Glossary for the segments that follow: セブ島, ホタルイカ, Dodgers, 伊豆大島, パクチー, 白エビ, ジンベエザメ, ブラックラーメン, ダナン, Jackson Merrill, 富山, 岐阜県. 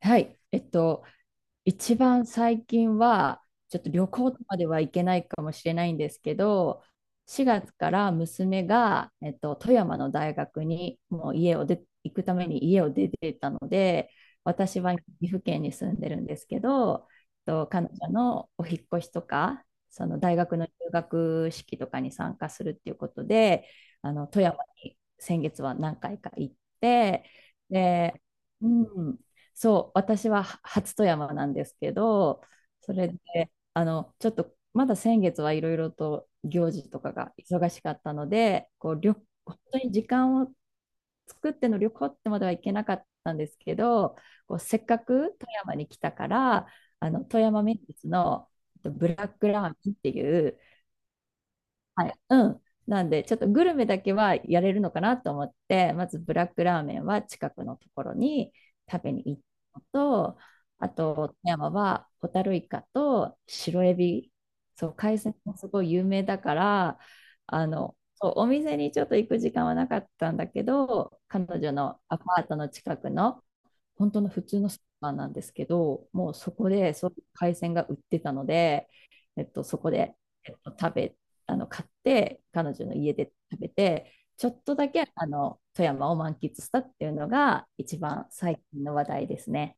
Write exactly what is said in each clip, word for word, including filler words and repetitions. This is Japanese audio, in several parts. はい。えっと、一番最近は、ちょっと旅行までは行けないかもしれないんですけど、しがつから娘が、えっと、富山の大学にもう家を出、行くために家を出てたので、私は岐阜県に住んでるんですけど、えっと、彼女のお引っ越しとか、その大学の入学式とかに参加するっていうことで、あの富山に先月は何回か行って、で、うん、そう、私はは初富山なんですけど、それで、あの、ちょっと、まだ先月はいろいろと行事とかが忙しかったので、こう、旅、本当に時間を作っての旅行ってまではいけなかったんですけど、こう、せっかく富山に来たから、あの、富山名物のえっとブラックラーメンっていう、はい。うん。なんで、ちょっとグルメだけはやれるのかなと思って、まずブラックラーメンは近くのところに食べに行ったのと、あと、富山はホタルイカと白エビ、そう、海鮮もすごい有名だから、あの、そうお店にちょっと行く時間はなかったんだけど、彼女のアパートの近くの本当の普通のスーパーなんですけど、もうそこでそういう海鮮が売ってたので、えっと、そこで、えっと、食べ、あの、買って、彼女の家で食べて、ちょっとだけ、あの、富山を満喫したっていうのが一番最近の話題ですね。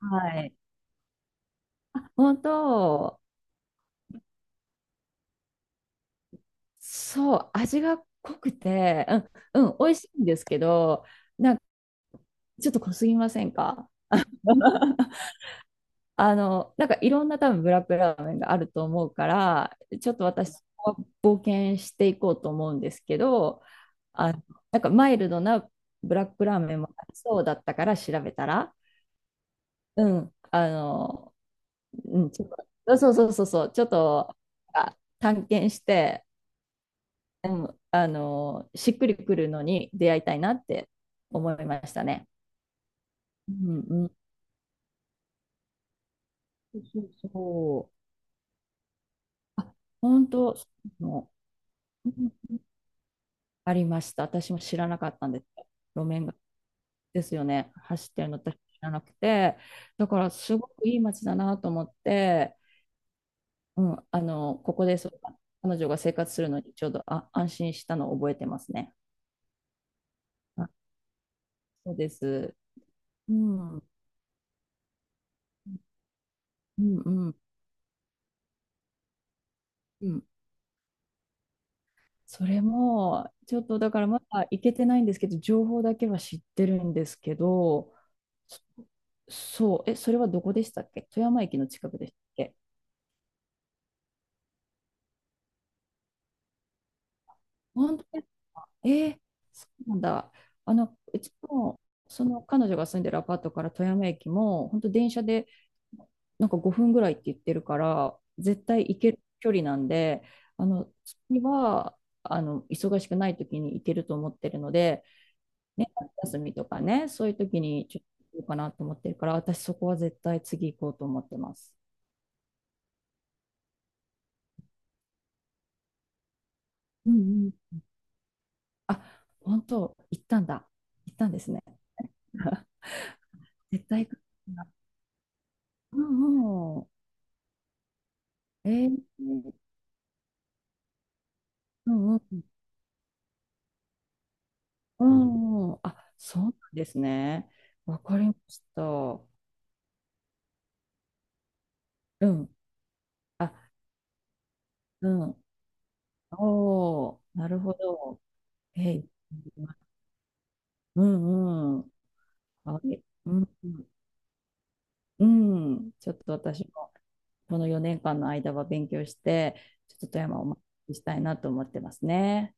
はい。本当、そう、味が濃くて、うん、うん、美味しいんですけど、なんかちょっと濃すぎませんか？ あの、なんかいろんな多分ブラックラーメンがあると思うから、ちょっと私、応援していこうと思うんですけど、あ、なんかマイルドなブラックラーメンもありそうだったから調べたら、うん、あの、うん、ちょっと、そうそうそうそう、ちょっとあ探検して、あの、しっくりくるのに出会いたいなって思いましたね。うんうん。そうそうそう。あ、本当、そうなの。ありました。私も知らなかったんです。路面が。ですよね。走ってるの私知らなくて。だから、すごくいい街だなと思って、うん、あの、ここでそう彼女が生活するのにちょうどあ安心したのを覚えてますね。あ、そうです。うん。うんうんうん。それも、ちょっとだからまだ行けてないんですけど、情報だけは知ってるんですけど、そそう、え、それはどこでしたっけ？富山駅の近くでしたっけ？本当ですか？えーそうなんだ。あの、うちもその彼女が住んでるアパートから富山駅も、本当電車でなんかごふんぐらいって言ってるから、絶対行ける距離なんで、あの、次は、あの、忙しくない時に行けると思ってるので、ね、夏休みとかね、そういう時にちょっと行こうかなと思ってるから、私そこは絶対次行こうと思ってます。うんうん。あ、本当、行ったんだ。行ったんですね。絶対行く。うんうん。えー、うんうん。うんうん。あ、そうなんですね。わかりました。うん。あ、うん。おお、なるほど。えい。うんうん。あ、え、うん、うん。うんちょっと私も、このよねんかんの間は勉強して、ちょっと富山をお待ちしたいなと思ってますね。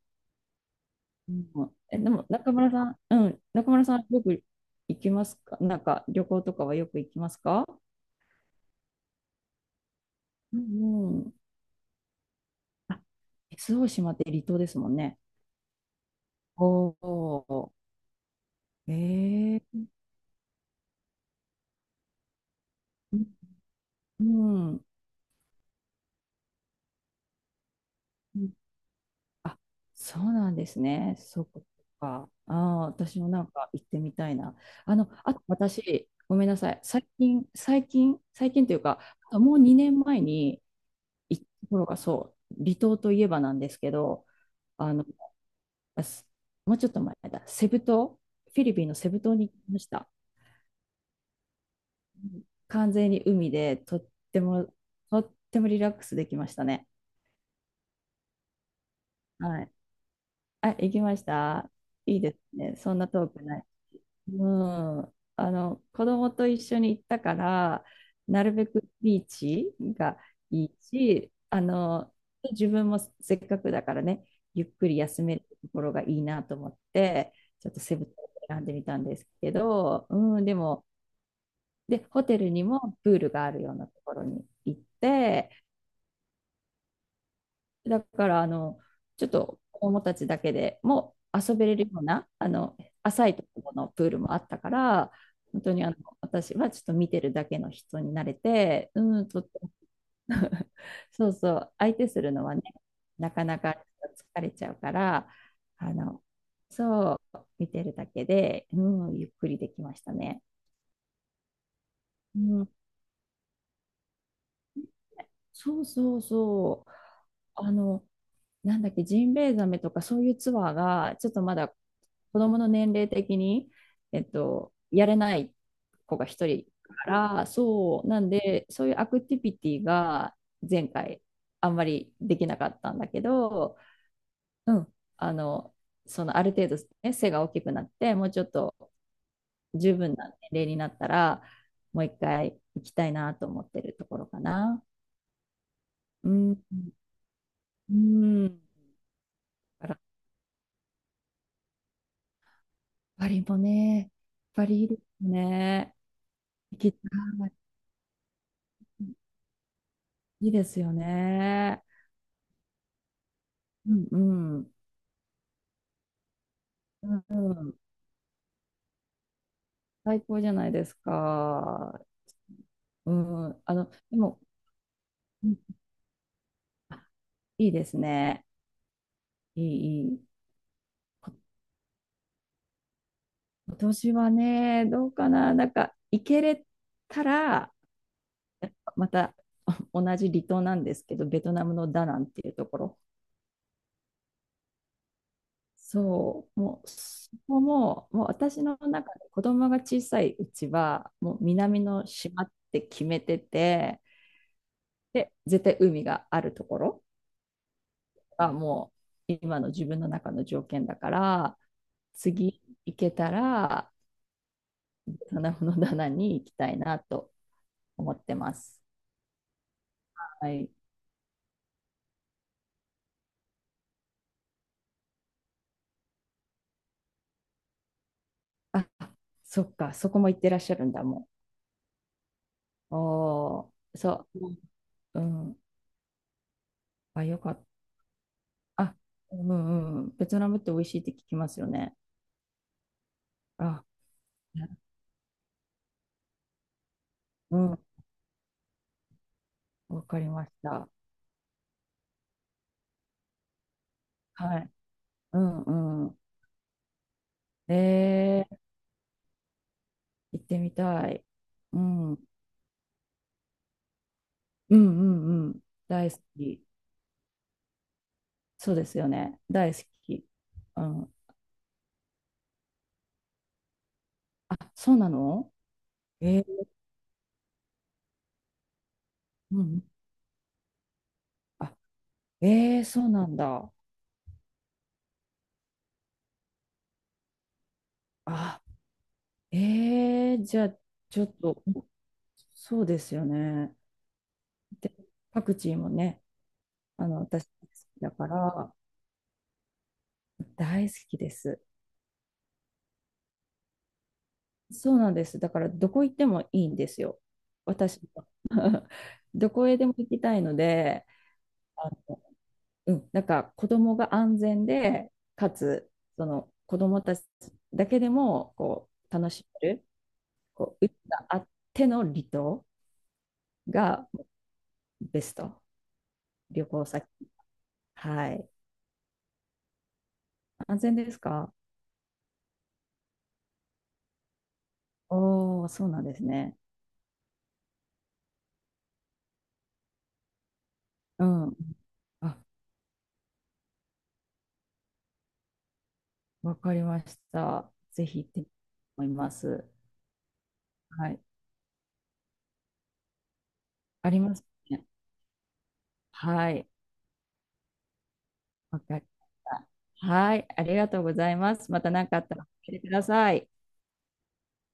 うん、え、でも、中村さん、うん、中村さん、よく行きますか？なんか、旅行とかはよく行きますか？うんうん。あ、伊豆大島って離島ですもんね。おお、ええうん。うんあ、そうなんですね。そっか。ああ、私もなんか行ってみたいな。あの、あと私、ごめんなさい。最近、最近、最近というか、もうにねんまえに行ったところがそう、離島といえばなんですけど、あの、すもうちょっと前だ、セブ島、フィリピンのセブ島に行きました。完全に海でとってもとってもリラックスできましたね。はい。あ、行きました。いいですね。そんな遠くない。うん。あの、子供と一緒に行ったから、なるべくビーチがいいし、あの、自分もせっかくだからね、ゆっくり休めるところがいいなと思って、ちょっとセブ島を選んでみたんですけど、うん、でも、で、ホテルにもプールがあるようなところに行って、だから、あの、ちょっと子供たちだけでも遊べれるような、あの、浅いところのプールもあったから、本当にあの、私はちょっと見てるだけの人になれて、うん、とっても そうそう、相手するのはね、なかなか疲れちゃうから、あの、そう、見てるだけで、うん、ゆっくりできましたね。うん、そうそうそう。あの、なんだっけ、ジンベエザメとかそういうツアーが、ちょっとまだ子供の年齢的に、えっと、やれない子が一人から、そう、なんで、そういうアクティビティが前回あんまりできなかったんだけど、うん、あの、そのある程度、ね、背が大きくなって、もうちょっと十分な年齢になったら、もう一回行きたいなと思ってるところかな。うん、うん、だかパリもね、パリいいですね。行きたい。いいですよね。うんうん。うんうん。最高じゃないですか。うん。あの、でも、うんあいいですね。いい、いい。今年はね、どうかな。なんか、行けれたら、また 同じ離島なんですけど、ベトナムのダナンっていうところ、そう、もうそこも、もう私の中で子供が小さいうちは、もう南の島って決めてて、で、絶対海があるところがもう今の自分の中の条件だから、次行けたら、棚の棚に行きたいなと思ってます。はい。あ、そっか、そこも行ってらっしゃるんだもん。おー、そう、うん、あ、よかった。あ、うんうんうん、ベトナムって美味しいって聞きますよね。あ、ねうん、わかりました。はい。うんうん。えー、行ってみたい。うん、うんうんうん。大好き。そうですよね。大好き。うん。あ、そうなの。えー、うん。あ、えー、そうなんだ。あ、えー、じゃあ、ちょっと、そうですよね。で、パクチーもね、あの、私大好きだから、大好きです。そうなんです。だからどこ行ってもいいんですよ。私は。どこへでも行きたいので、あの、うん、なんか子供が安全で、かつ、その子供たちだけでもこう楽しめる、こう、うちがあっての離島がベスト。旅行先。はい。安全ですか？おおー、そうなんですね。うん。あ、わかりました。ぜひ行ってみたいと思います。はい。ありますね。はい。わかりました。はい、ありがとうございます。また何かあったら教えてください。